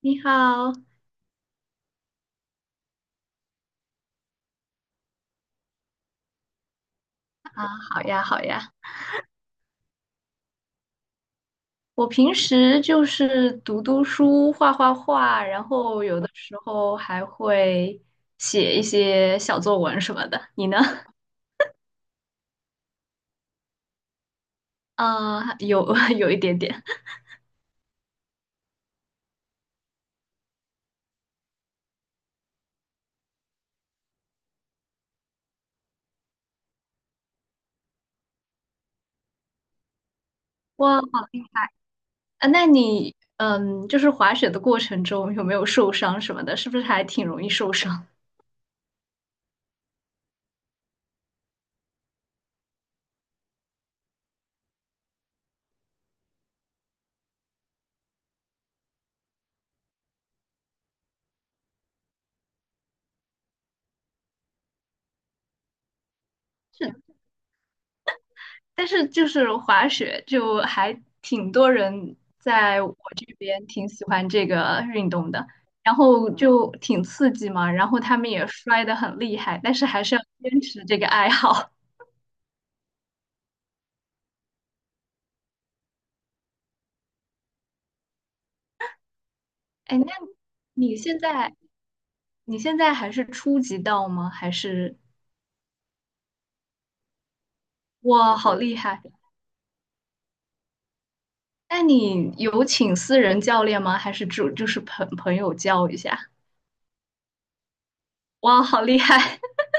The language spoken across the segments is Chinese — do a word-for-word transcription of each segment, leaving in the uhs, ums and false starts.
你好啊，好呀，好呀。我平时就是读读书、画画画，然后有的时候还会写一些小作文什么的。你呢？啊，有 有一点点。哇，好厉害！啊，那你嗯，就是滑雪的过程中有没有受伤什么的？是不是还挺容易受伤？是。但是就是滑雪，就还挺多人在我这边挺喜欢这个运动的，然后就挺刺激嘛，然后他们也摔得很厉害，但是还是要坚持这个爱好。哎，那你现在你现在还是初级道吗？还是哇，好厉害！那你有请私人教练吗？还是主就是朋朋友教一下？哇，好厉害！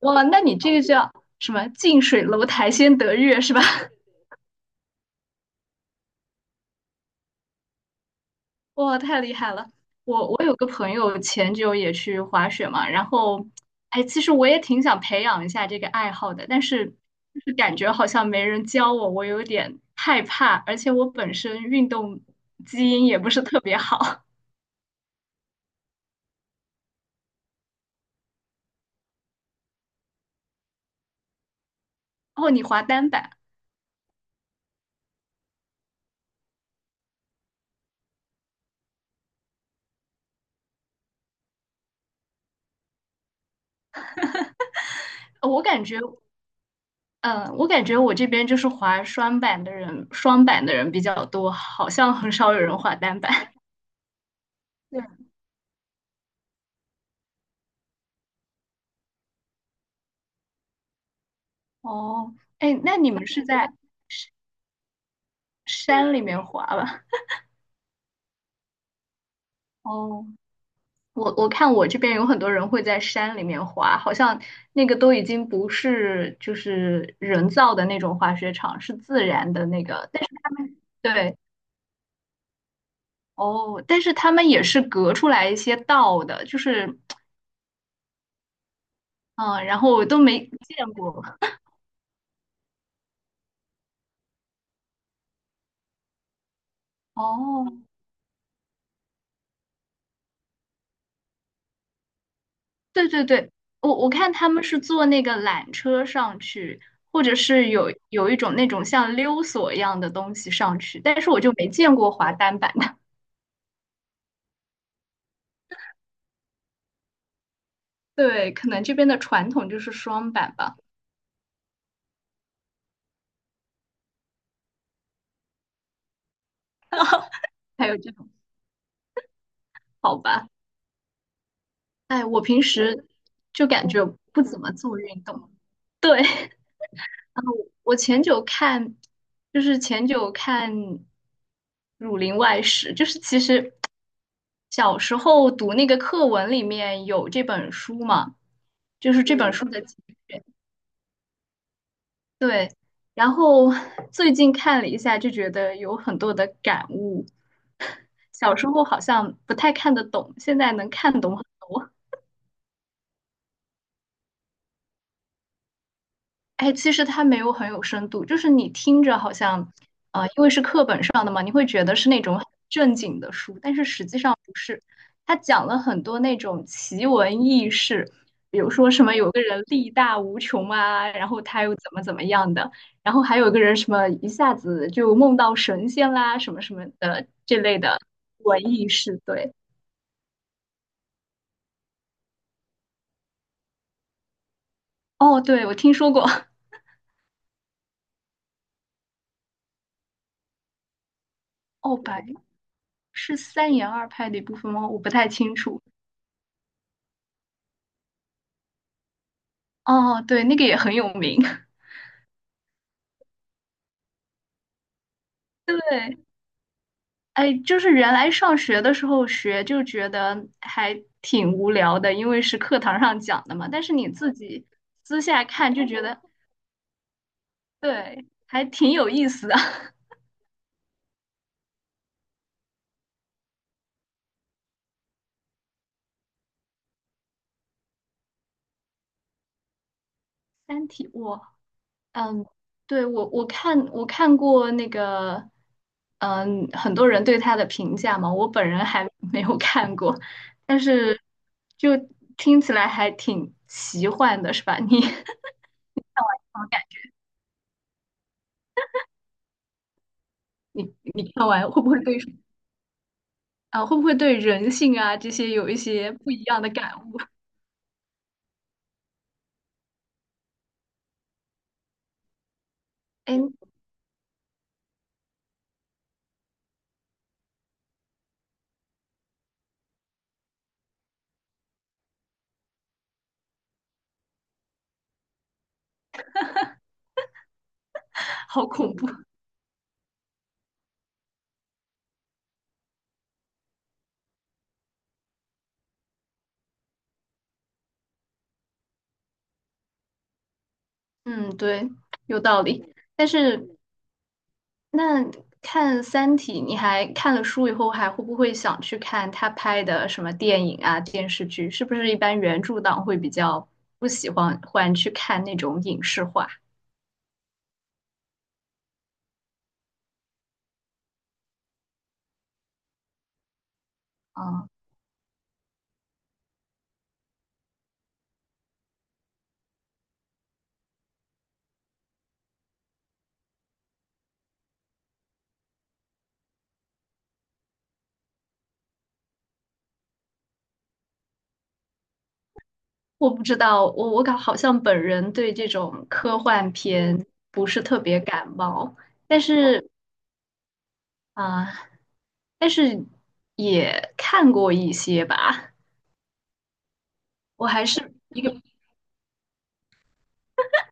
哇，那你这个叫什么？近水楼台先得月是吧？哇，太厉害了！我我有个朋友前久也去滑雪嘛，然后，哎，其实我也挺想培养一下这个爱好的，但是就是感觉好像没人教我，我有点害怕，而且我本身运动基因也不是特别好。哦，你滑单板，呃我感觉，嗯，我感觉我这边就是滑双板的人，双板的人比较多，好像很少有人滑单板。对，哦，哎，那你们是在山里面滑吧？哦。我我看我这边有很多人会在山里面滑，好像那个都已经不是就是人造的那种滑雪场，是自然的那个。但是对，哦，但是他们也是隔出来一些道的，就是嗯，然后我都没见过。哦，对对对，我我看他们是坐那个缆车上去，或者是有有一种那种像溜索一样的东西上去，但是我就没见过滑单板的。对，可能这边的传统就是双板吧。还有这种，好吧？哎，我平时就感觉不怎么做运动。对，然后我前久看，就是前久看《儒林外史》，就是其实小时候读那个课文里面有这本书嘛，就是这本嗯书的节选。对，然后 最近看了一下，就觉得有很多的感悟。小时候好像不太看得懂，现在能看懂很多。哎，其实它没有很有深度，就是你听着好像，呃，因为是课本上的嘛，你会觉得是那种很正经的书，但是实际上不是。它讲了很多那种奇闻异事，比如说什么有个人力大无穷啊，然后他又怎么怎么样的，然后还有个人什么一下子就梦到神仙啦，什么什么的这类的文艺事。对，哦，对，我听说过，哦，白是三言二拍的一部分吗？我不太清楚。哦，对，那个也很有名。对，哎，就是原来上学的时候学就觉得还挺无聊的，因为是课堂上讲的嘛。但是你自己私下看就觉得，对，还挺有意思的。《三体》，我，嗯，对，我我看我看过那个，嗯，很多人对他的评价嘛，我本人还 没有看过，但是就听起来还挺奇幻的，是吧？你 好，你你看完会不会对啊，会不会对人性啊这些有一些不一样的感悟？哎 好恐怖。嗯，对，有道理。但是那看《三体》，你还看了书以后，还会不会想去看他拍的什么电影啊、电视剧？是不是一般原著党会比较不喜欢欢去看那种影视化？啊？我不知道，我我感好像本人对这种科幻片不是特别感冒。但是啊，但是也看过一些吧。我还是一个，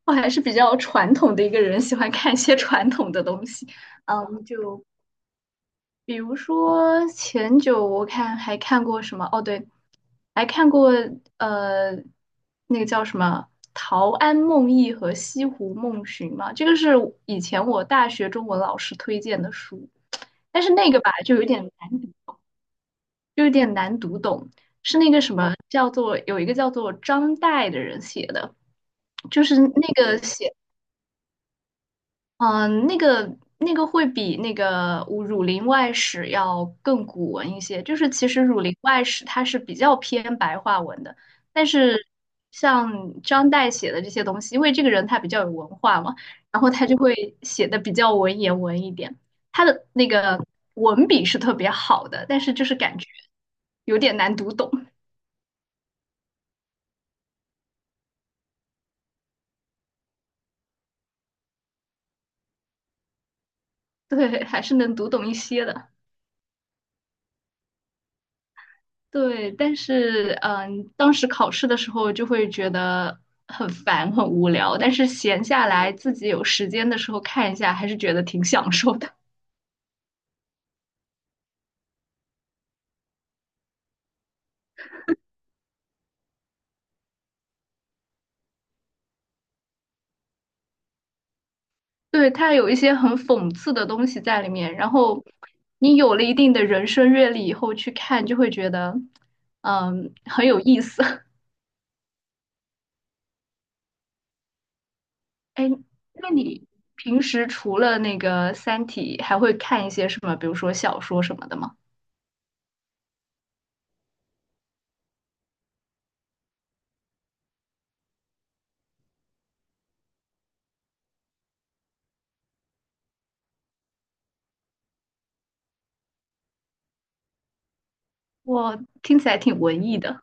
我还是比较传统的一个人，喜欢看一些传统的东西。嗯，就比如说前久我看还看过什么？哦，对，还看过呃，那个叫什么《陶庵梦忆》和《西湖梦寻》嘛。这个是以前我大学中文老师推荐的书，但是那个吧就有点难。就有点难读懂，是那个什么哦叫做有一个叫做张岱的人写的，就是那个写，嗯、那个那个会比那个《儒儒林外史》要更古文一些。就是其实《儒林外史》它是比较偏白话文的，但是像张岱写的这些东西，因为这个人他比较有文化嘛，然后他就会写的比较文言文一点。他的那个文笔是特别好的，但是就是感觉有点难读懂。对，还是能读懂一些的。对，但是嗯，当时考试的时候就会觉得很烦、很无聊，但是闲下来自己有时间的时候看一下，还是觉得挺享受的。对，它有一些很讽刺的东西在里面，然后你有了一定的人生阅历以后去看，就会觉得嗯很有意思。哎，那你平时除了那个《三体》，还会看一些什么，比如说小说什么的吗？我听起来挺文艺的。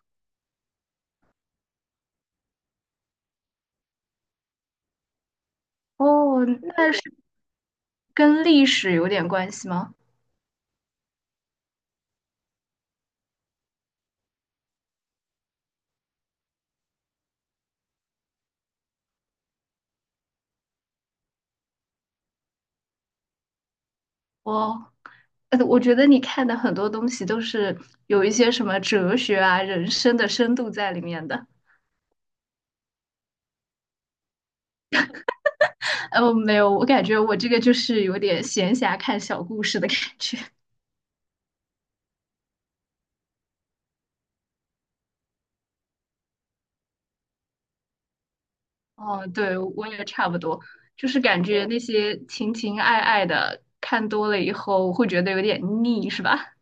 哦，那跟历史有点关系吗？哦，呃，我觉得你看的很多东西都是有一些什么哲学啊、人生的深度在里面的。呃，没有，我感觉我这个就是有点闲暇看小故事的感觉。哦，对，我也差不多，就是感觉那些情情爱爱的看多了以后会觉得有点腻，是吧？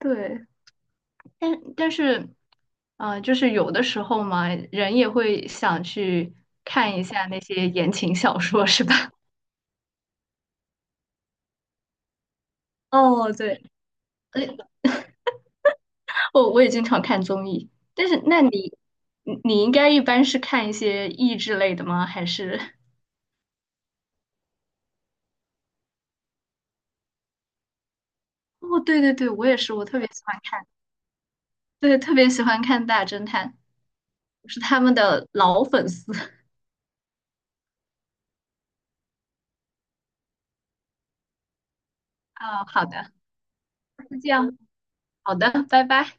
对。但但是，啊，就是有的时候嘛，人也会想去看一下那些言情小说，是吧？哦，对，我我也经常看综艺，但是那你你你应该一般是看一些益智类的吗？还是？哦，对对对，我也是，我特别喜欢看，对，特别喜欢看大侦探，我是他们的老粉丝 啊。好的，就这样，好的，拜拜。